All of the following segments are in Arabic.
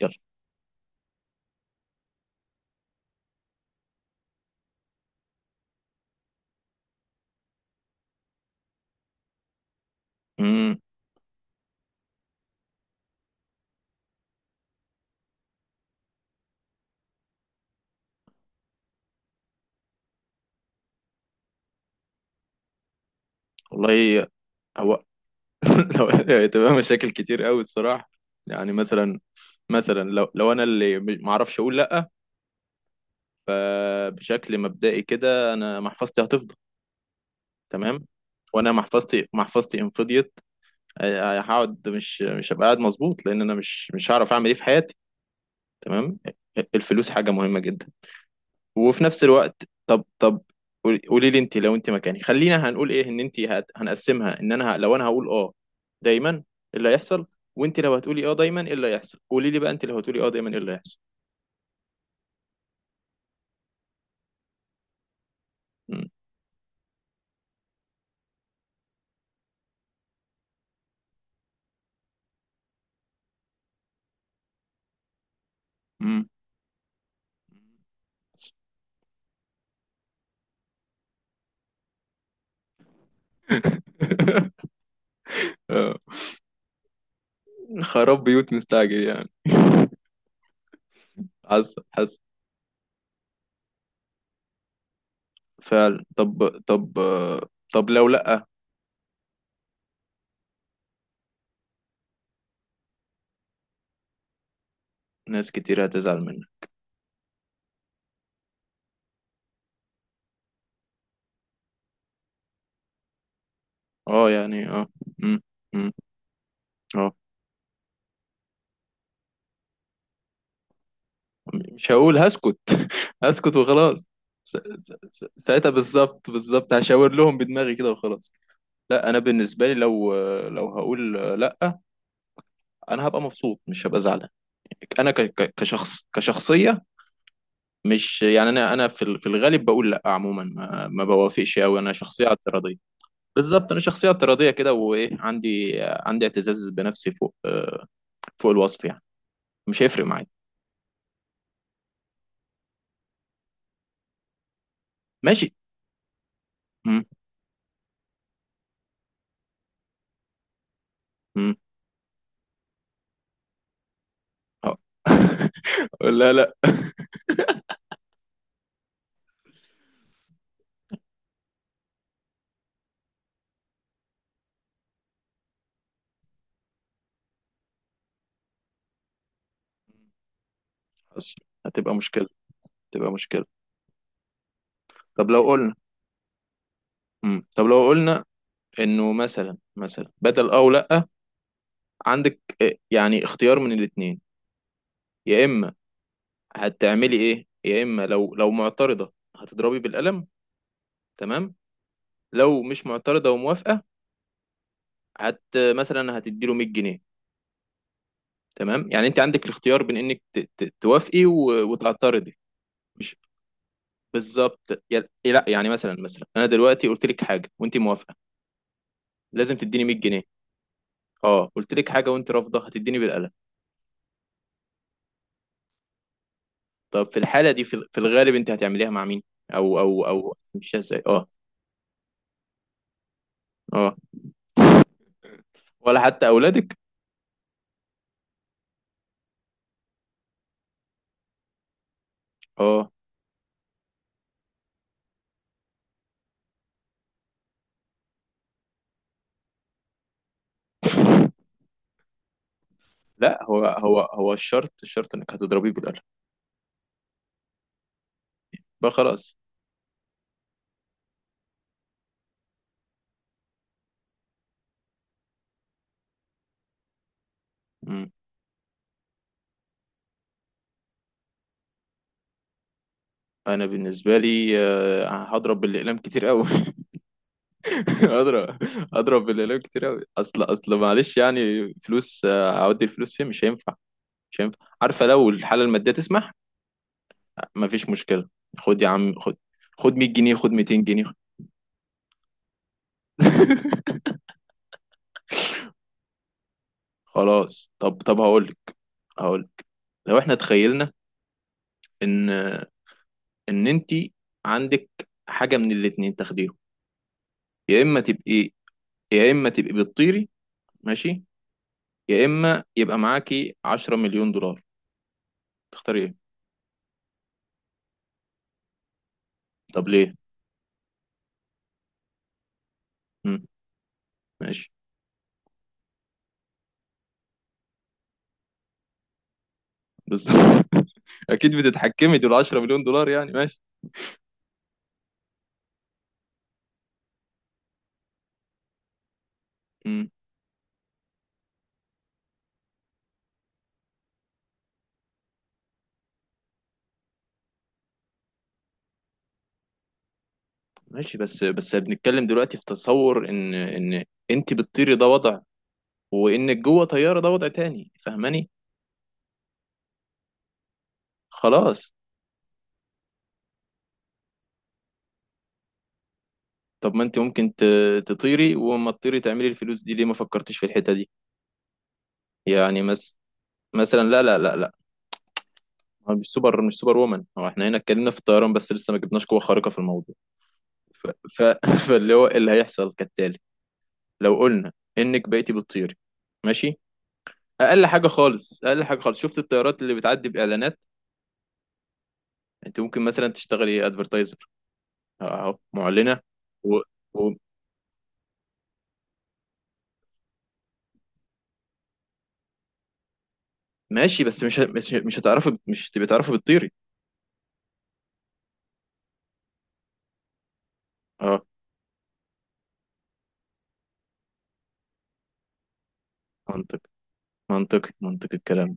يلا امم والله هو لو هتبقى مشاكل كتير قوي الصراحه. يعني مثلا، لو انا اللي ما اعرفش اقول لا، فبشكل مبدئي كده انا محفظتي هتفضى. تمام. وانا محفظتي ان فضيت، هقعد مش هبقى قاعد مظبوط لان انا مش هعرف اعمل ايه في حياتي. تمام. الفلوس حاجه مهمه جدا. وفي نفس الوقت، طب قولي لي، انت لو انت مكاني، خلينا هنقول ايه. ان انت هنقسمها، ان انا لو انا هقول اه دايما ايه اللي هيحصل؟ وانت لو هتقولي اه دايما ايه اللي هيحصل؟ قولي لي بقى، انت لو هتقولي اه دايما ايه اللي هيحصل؟ مم. مم. آه. خراب بيوت مستعجل يعني. حصل حصل. فعلا. طب لو لأ. ناس كتير هتزعل منك. اه، يعني اه. مم. مم. اه، مش هقول، هسكت. هسكت وخلاص. ساعتها بالظبط بالظبط، هشاور لهم بدماغي كده وخلاص. لا، انا بالنسبه لي لو، هقول لا، انا هبقى مبسوط مش هبقى زعلان. انا كشخصيه. مش يعني، انا في الغالب بقول لا عموما، ما بوافقش قوي، انا شخصيه اعتراضيه. بالظبط، انا شخصيه اعتراضيه كده، وايه، عندي اعتزاز بنفسي فوق، فوق الوصف يعني. مش هيفرق معايا. ماشي. م- م. لا لا. حصل. هتبقى مشكله. تبقى مشكلة. طب لو قلنا. مم. طب لو قلنا انه مثلا، بدل او لا، عندك يعني اختيار من الاتنين. يا اما هتعملي ايه؟ يا اما لو معترضة هتضربي بالقلم، تمام، لو مش معترضة وموافقة هت مثلا هتديله 100 جنيه. تمام. يعني انت عندك الاختيار بين انك توافقي وتعترضي. مش بالظبط، لا يعني مثلا، انا دلوقتي قلت لك حاجة وانت موافقة، لازم تديني 100 جنيه. اه، قلت لك حاجة وانت رافضة، هتديني بالقلم. طب في الحالة دي، في الغالب انت هتعمليها مع مين، او هتمشيها ازاي؟ اه. اه، ولا حتى اولادك؟ اه. لا، هو الشرط، انك هتضربيه بالقلم. بقى خلاص. مم. انا بالنسبه لي، هضرب بالاقلام كتير قوي. هضرب. بالاقلام كتير قوي، اصل معلش يعني، فلوس، هودي الفلوس فين، مش هينفع. مش هينفع، عارفه، لو الحاله الماديه تسمح مفيش مشكله. خد يا عم خد، خد 100 جنيه، خد 200 جنيه. خلاص. طب هقولك، لو احنا تخيلنا ان، انت عندك حاجه من الاتنين تاخديهم. يا اما تبقي يا اما تبقي بتطيري، ماشي، يا اما يبقى معاكي 10 مليون دولار. تختاري ايه؟ طب ليه؟ مم. ماشي. بالظبط. اكيد بتتحكمي. دول 10 مليون دولار يعني. ماشي. مم. ماشي، بس بنتكلم دلوقتي في تصور، ان، انت بتطيري ده وضع، وانك جوه طياره ده وضع تاني، فاهماني؟ خلاص. طب ما انت ممكن تطيري وما تطيري تعملي الفلوس دي. ليه ما فكرتيش في الحتة دي؟ يعني مثلا، لا لا لا لا. هو مش سوبر وومن. هو احنا هنا اتكلمنا في الطيران بس، لسه ما جبناش قوة خارقة في الموضوع. ف... ف... فاللي هو، إيه اللي هيحصل كالتالي: لو قلنا انك بقيتي بتطيري، ماشي، اقل حاجة خالص، اقل حاجة خالص، شفت الطيارات اللي بتعدي باعلانات؟ انت ممكن مثلا تشتغلي ادفرتايزر، اهو معلنة. و... و... ماشي. بس مش هتعرفي، مش هتبقي تعرفي بتطيري. اه، منطقي، منطقي، منطقي الكلام.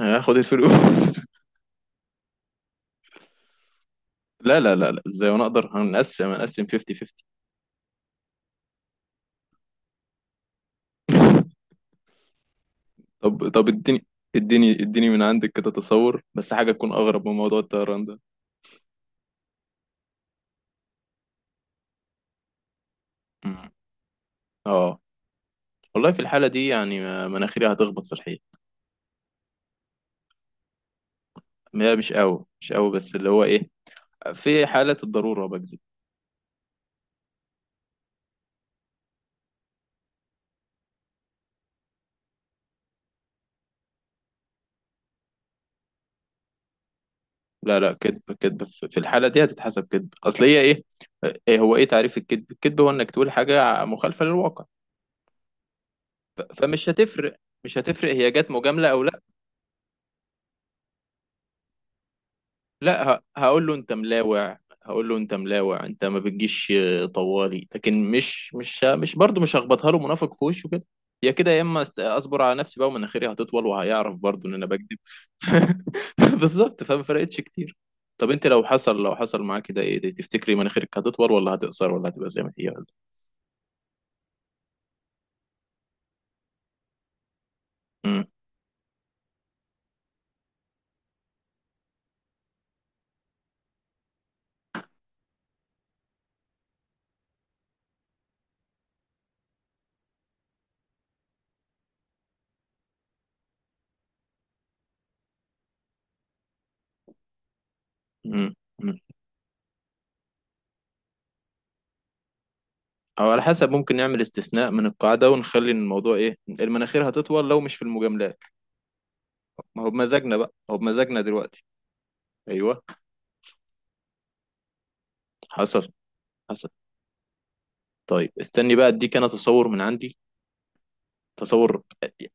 هاخد الفلوس. لا لا لا لا، ازاي وانا اقدر؟ هنقسم 50 50. طب اديني، اديني اديني من عندك كده تصور، بس حاجة تكون اغرب من موضوع الطيران ده. مم. اه، والله في الحالة دي يعني، مناخيري هتخبط في الحيط. هي مش قوي، مش قوي، بس اللي هو ايه، في حالة الضرورة بكذب. لا لا، كذب كذب، في الحالة دي هتتحسب كذب. اصل هي ايه، هو ايه تعريف الكذب؟ الكذب هو انك تقول حاجة مخالفة للواقع. فمش هتفرق. مش هتفرق هي جت مجاملة او. لا، هقول له انت ملاوع. هقول له انت ملاوع، انت ما بتجيش طوالي. لكن مش برضه، مش هخبطها له منافق في وشه كده. يا كده، يا اما اصبر على نفسي بقى ومناخيري هتطول وهيعرف برضه ان انا بكذب. بالظبط. فما فرقتش كتير. طب انت لو حصل، معاك كده، ايه تفتكري مناخيرك هتطول ولا هتقصر ولا هتبقى زي ما هي ولا؟ مم. مم. مم. او على حسب، ممكن نعمل استثناء من القاعده ونخلي الموضوع ايه، المناخير هتطول لو مش في المجاملات. ما هو بمزاجنا بقى، ما هو بمزاجنا دلوقتي. ايوه. حصل حصل. طيب استني بقى، اديك انا تصور من عندي، تصور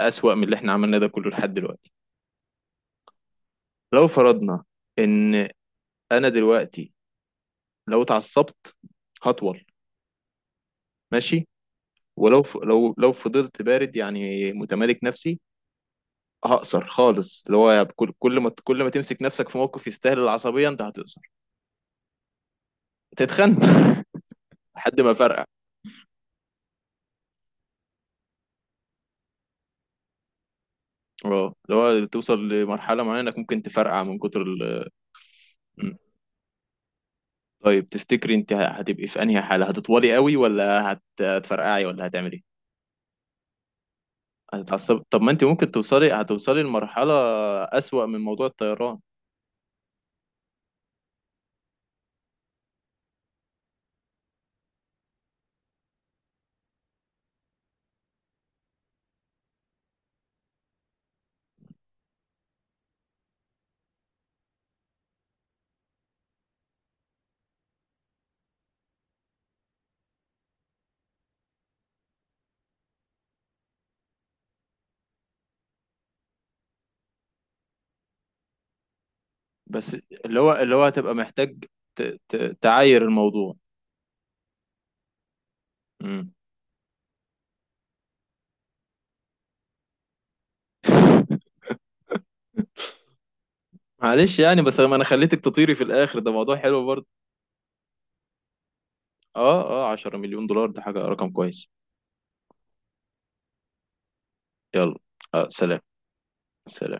اسوأ من اللي احنا عملناه ده كله لحد دلوقتي. لو فرضنا ان انا دلوقتي لو اتعصبت هطول. ماشي. ولو لو، فضلت بارد يعني متمالك نفسي، هقصر خالص. اللي هو كل ما تمسك نفسك في موقف يستاهل العصبية انت هتقصر. تتخن. لحد ما فرقع. اه، اللي هو توصل لمرحلة معينة انك ممكن تفرقع من كتر. طيب تفتكري انت هتبقي في انهي حاله، هتطولي قوي ولا هتفرقعي ولا هتعملي ايه؟ هتتعصبي. طب ما انت ممكن هتوصلي لمرحله اسوأ من موضوع الطيران. بس اللي هو، هتبقى محتاج تعاير الموضوع. امم معلش يعني، بس ما انا خليتك تطيري في الاخر، ده موضوع حلو برضه. اه اه، 10 مليون دولار ده حاجه رقم كويس. يلا. سلام. سلام.